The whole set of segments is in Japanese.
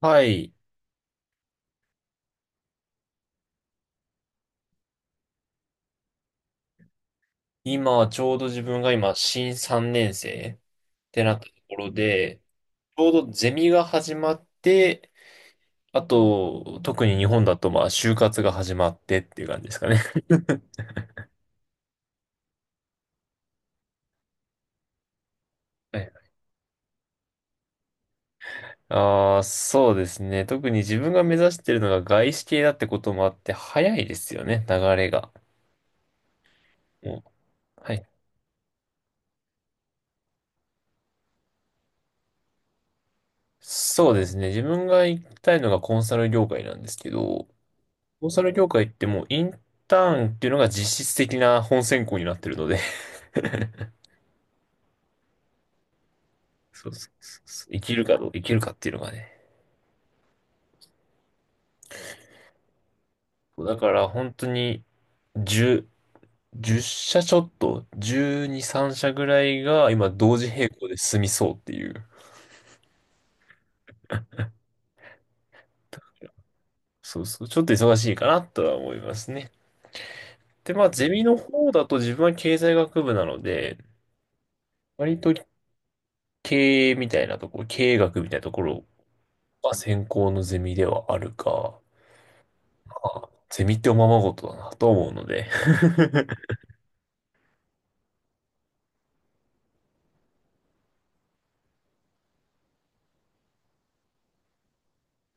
はい。今、ちょうど自分が今、新3年生ってなったところで、ちょうどゼミが始まって、あと、特に日本だと、まあ、就活が始まってっていう感じですかね。ああー、そうですね。特に自分が目指してるのが外資系だってこともあって、早いですよね、流れが。もうはい。そうですね。自分が行きたいのがコンサル業界なんですけど、コンサル業界ってもうインターンっていうのが実質的な本選考になってるので、そうそうそうそう。生きるかっていうのがね。そうだから本当に10、じゅっ社ちょっと、12、3社ぐらいが今同時並行で進みそうっていう。そうそう。ちょっと忙しいかなとは思いますね。で、まあゼミの方だと自分は経済学部なので、割と経営みたいなところ、経営学みたいなところが専攻のゼミではあるか、まあゼミっておままごとだなと思うので、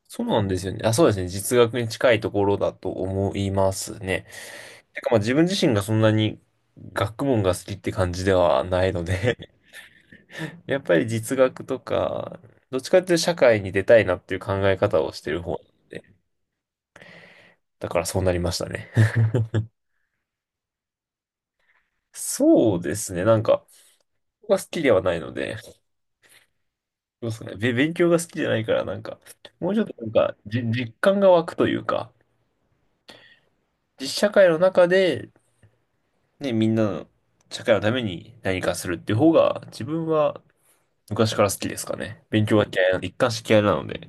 そうなんですよね。あ、そうですね。実学に近いところだと思いますね。てかまあ自分自身がそんなに学問が好きって感じではないので やっぱり実学とか、どっちかっていうと社会に出たいなっていう考え方をしてる方なので、だからそうなりましたね。そうですね。なんか、僕が好きではないので、どうですかね。勉強が好きじゃないから、なんか、もうちょっとなんか、実感が湧くというか、実社会の中でね、みんなの社会のために何かするっていう方が、自分は昔から好きですかね。勉強が嫌いな、一貫して嫌いなので。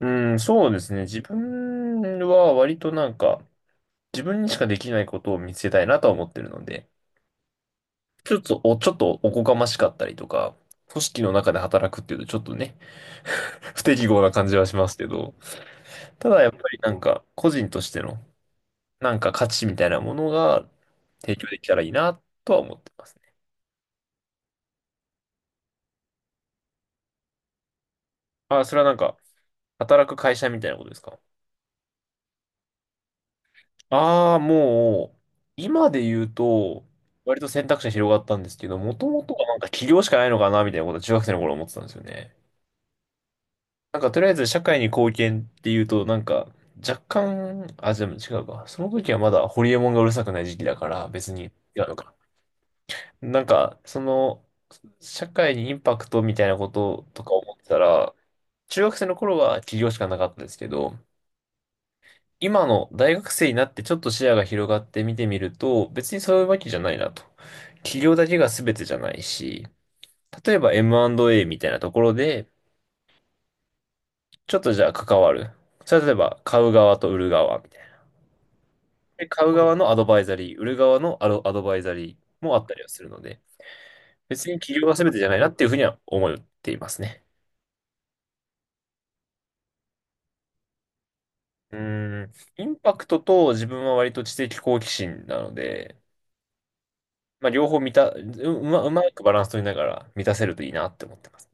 うん、そうですね。自分は割となんか、自分にしかできないことを見つけたいなとは思ってるので、ちょっとおこがましかったりとか、組織の中で働くっていうとちょっとね、不適合な感じはしますけど、ただやっぱりなんか、個人としての、なんか価値みたいなものが提供できたらいいなとは思ってますね。あ、それはなんか、働く会社みたいなことですか？ああー、もう、今で言うと、割と選択肢が広がったんですけど、もともとはなんか起業しかないのかな、みたいなことは中学生の頃思ってたんですよね。なんかとりあえず社会に貢献っていうと、なんか若干、あ、でも違うか。その時はまだホリエモンがうるさくない時期だから、別に違うのか。なんか、その、社会にインパクトみたいなこととか思ってたら、中学生の頃は起業しかなかったですけど、今の大学生になってちょっと視野が広がって見てみると、別にそういうわけじゃないなと。企業だけが全てじゃないし、例えば M&A みたいなところで、ちょっとじゃあ関わる。それは例えば買う側と売る側みたいな。で、買う側のアドバイザリー、売る側のアドバイザリーもあったりはするので、別に企業が全てじゃないなっていうふうには思っていますね。うーん、インパクトと自分は割と知的好奇心なので、まあ、両方満た、う、うま、うまくバランス取りながら満たせるといいなって思ってます。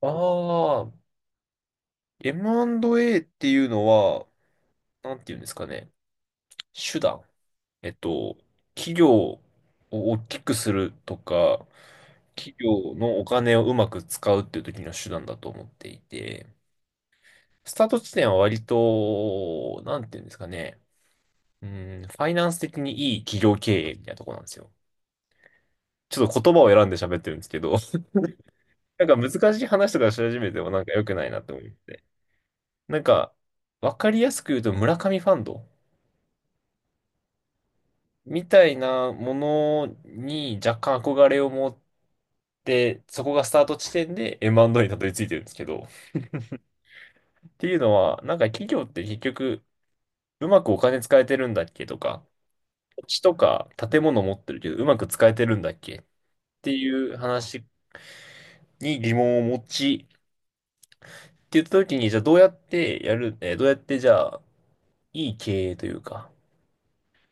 ああ、M&A っていうのは、なんていうんですかね。手段。えっと、企業を大きくするとか、企業のお金をうまく使うっていう時の手段だと思っていて、スタート地点は割と、なんていうんですかね。うん、ファイナンス的にいい企業経営みたいなとこなんですよ。ちょっと言葉を選んで喋ってるんですけど、なんか難しい話とかし始めてもなんか良くないなって思って。なんか、わかりやすく言うと村上ファンド。みたいなものに若干憧れを持って、そこがスタート地点で M&A にたどり着いてるんですけど。っていうのは、なんか企業って結局、うまくお金使えてるんだっけとか、土地とか建物持ってるけど、うまく使えてるんだっけっていう話に疑問を持ち、って言った時に、じゃあどうやってやる、どうやってじゃあ、いい経営というか、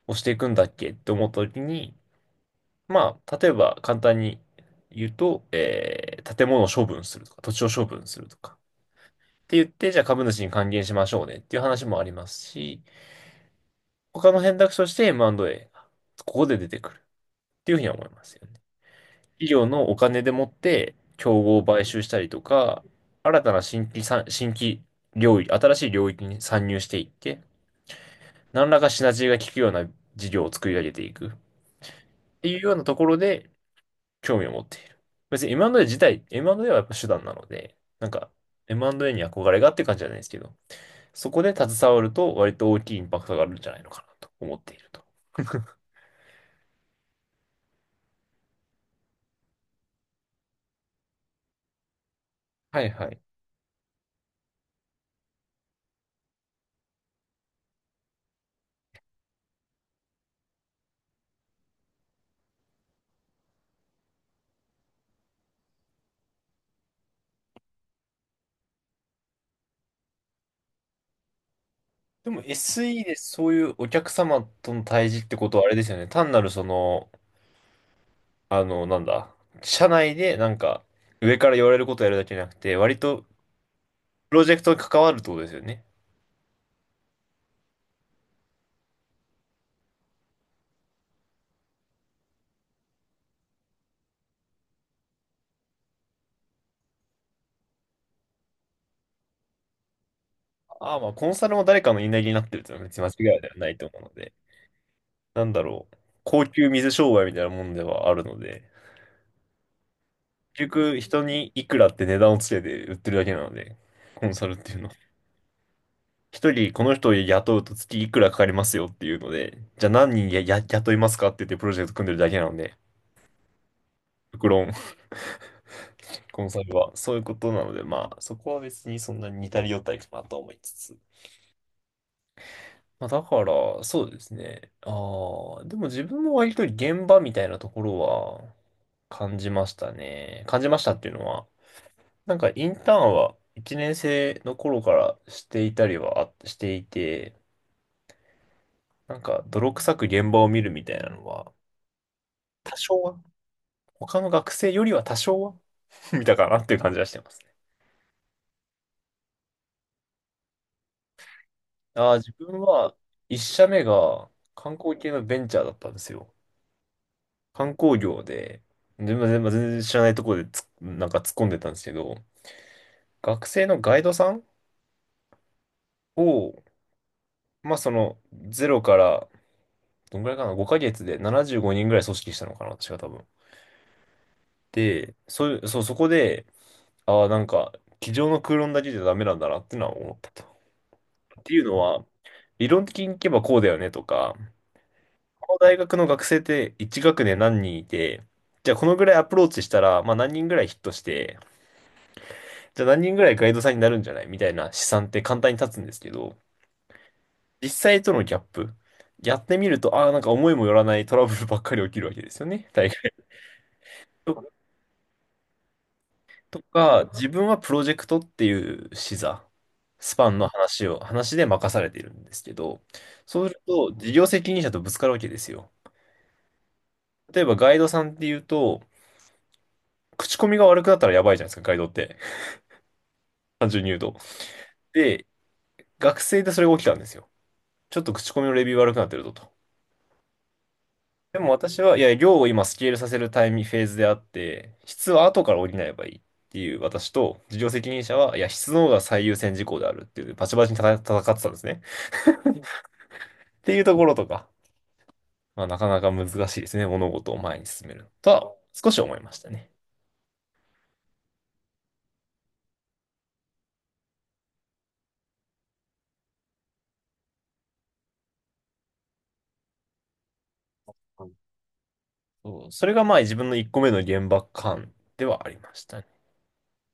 をしていくんだっけって思った時に、まあ、例えば簡単に言うと、建物を処分するとか、土地を処分するとか。って言って、じゃあ株主に還元しましょうねっていう話もありますし、他の選択肢として M&A がここで出てくるっていうふうには思いますよね。企業のお金でもって、競合を買収したりとか、新たな新規さん、新規領域、新しい領域に参入していって、何らかシナジーが効くような事業を作り上げていくっていうようなところで、興味を持っている。別に M&A 自体、M&A はやっぱ手段なので、なんか M&A に憧れがっていう感じじゃないですけど、そこで携わると割と大きいインパクトがあるんじゃないのかなと思っていると。はいはい。でも SE でそういうお客様との対峙ってことはあれですよね。単なるその、あの、なんだ、社内でなんか上から言われることをやるだけじゃなくて、割とプロジェクトに関わるってことですよね。ああ、まあコンサルも誰かの言いなりになってるっていうのは別に間違いではないと思うので。なんだろう、高級水商売みたいなもんではあるので、結局人にいくらって値段をつけて売ってるだけなので、コンサルっていうのは。一人この人を雇うと月いくらかかりますよっていうので、じゃあ何人や、や、雇いますかって言ってプロジェクト組んでるだけなので、極論、コンサルはそういうことなので、まあそこは別にそんなに似たり寄ったりかなと思いつつ。まあ、だから、そうですね。ああ、でも自分も割と現場みたいなところは感じましたね。感じましたっていうのは、なんかインターンは1年生の頃からしていたりはしていて、なんか泥臭く現場を見るみたいなのは、多少は、他の学生よりは多少は 見たかなっていう感じはしてますね。ああ、自分は1社目が観光系のベンチャーだったんですよ。観光業で、全然全然知らないところでなんか突っ込んでたんですけど、学生のガイドさんを、まあそのゼロからどんぐらいかな、5ヶ月で75人ぐらい組織したのかな、私が多分。で、そういう、そう、そこで、ああ、なんか、机上の空論だけじゃダメなんだなってのは思ったと。っていうのは、理論的にいけばこうだよねとか、この大学の学生って1学年何人いて、じゃあこのぐらいアプローチしたら、まあ何人ぐらいヒットして、じゃあ何人ぐらいガイドさんになるんじゃないみたいな試算って簡単に立つんですけど、実際とのギャップ。やってみると、ああ、なんか思いもよらないトラブルばっかり起きるわけですよね。大学とか、自分はプロジェクトっていう視座、スパンの話で任されているんですけど、そうすると事業責任者とぶつかるわけですよ。例えばガイドさんっていうと、口コミが悪くなったらやばいじゃないですか、ガイドって。単純に言うと。で、学生でそれが起きたんですよ。ちょっと口コミのレビュー悪くなってるぞと。でも私は、いや、量を今スケールさせるタイミング、フェーズであって、質は後から補えばいいっていう私と、事業責任者は、いや、質の方が最優先事項であるっていう、バチバチに戦ってたんですね。っていうところとか、まあ、なかなか難しいですね。物事を前に進めるとは少し思いましたね。そうそれがまあ自分の1個目の原爆感ではありましたね。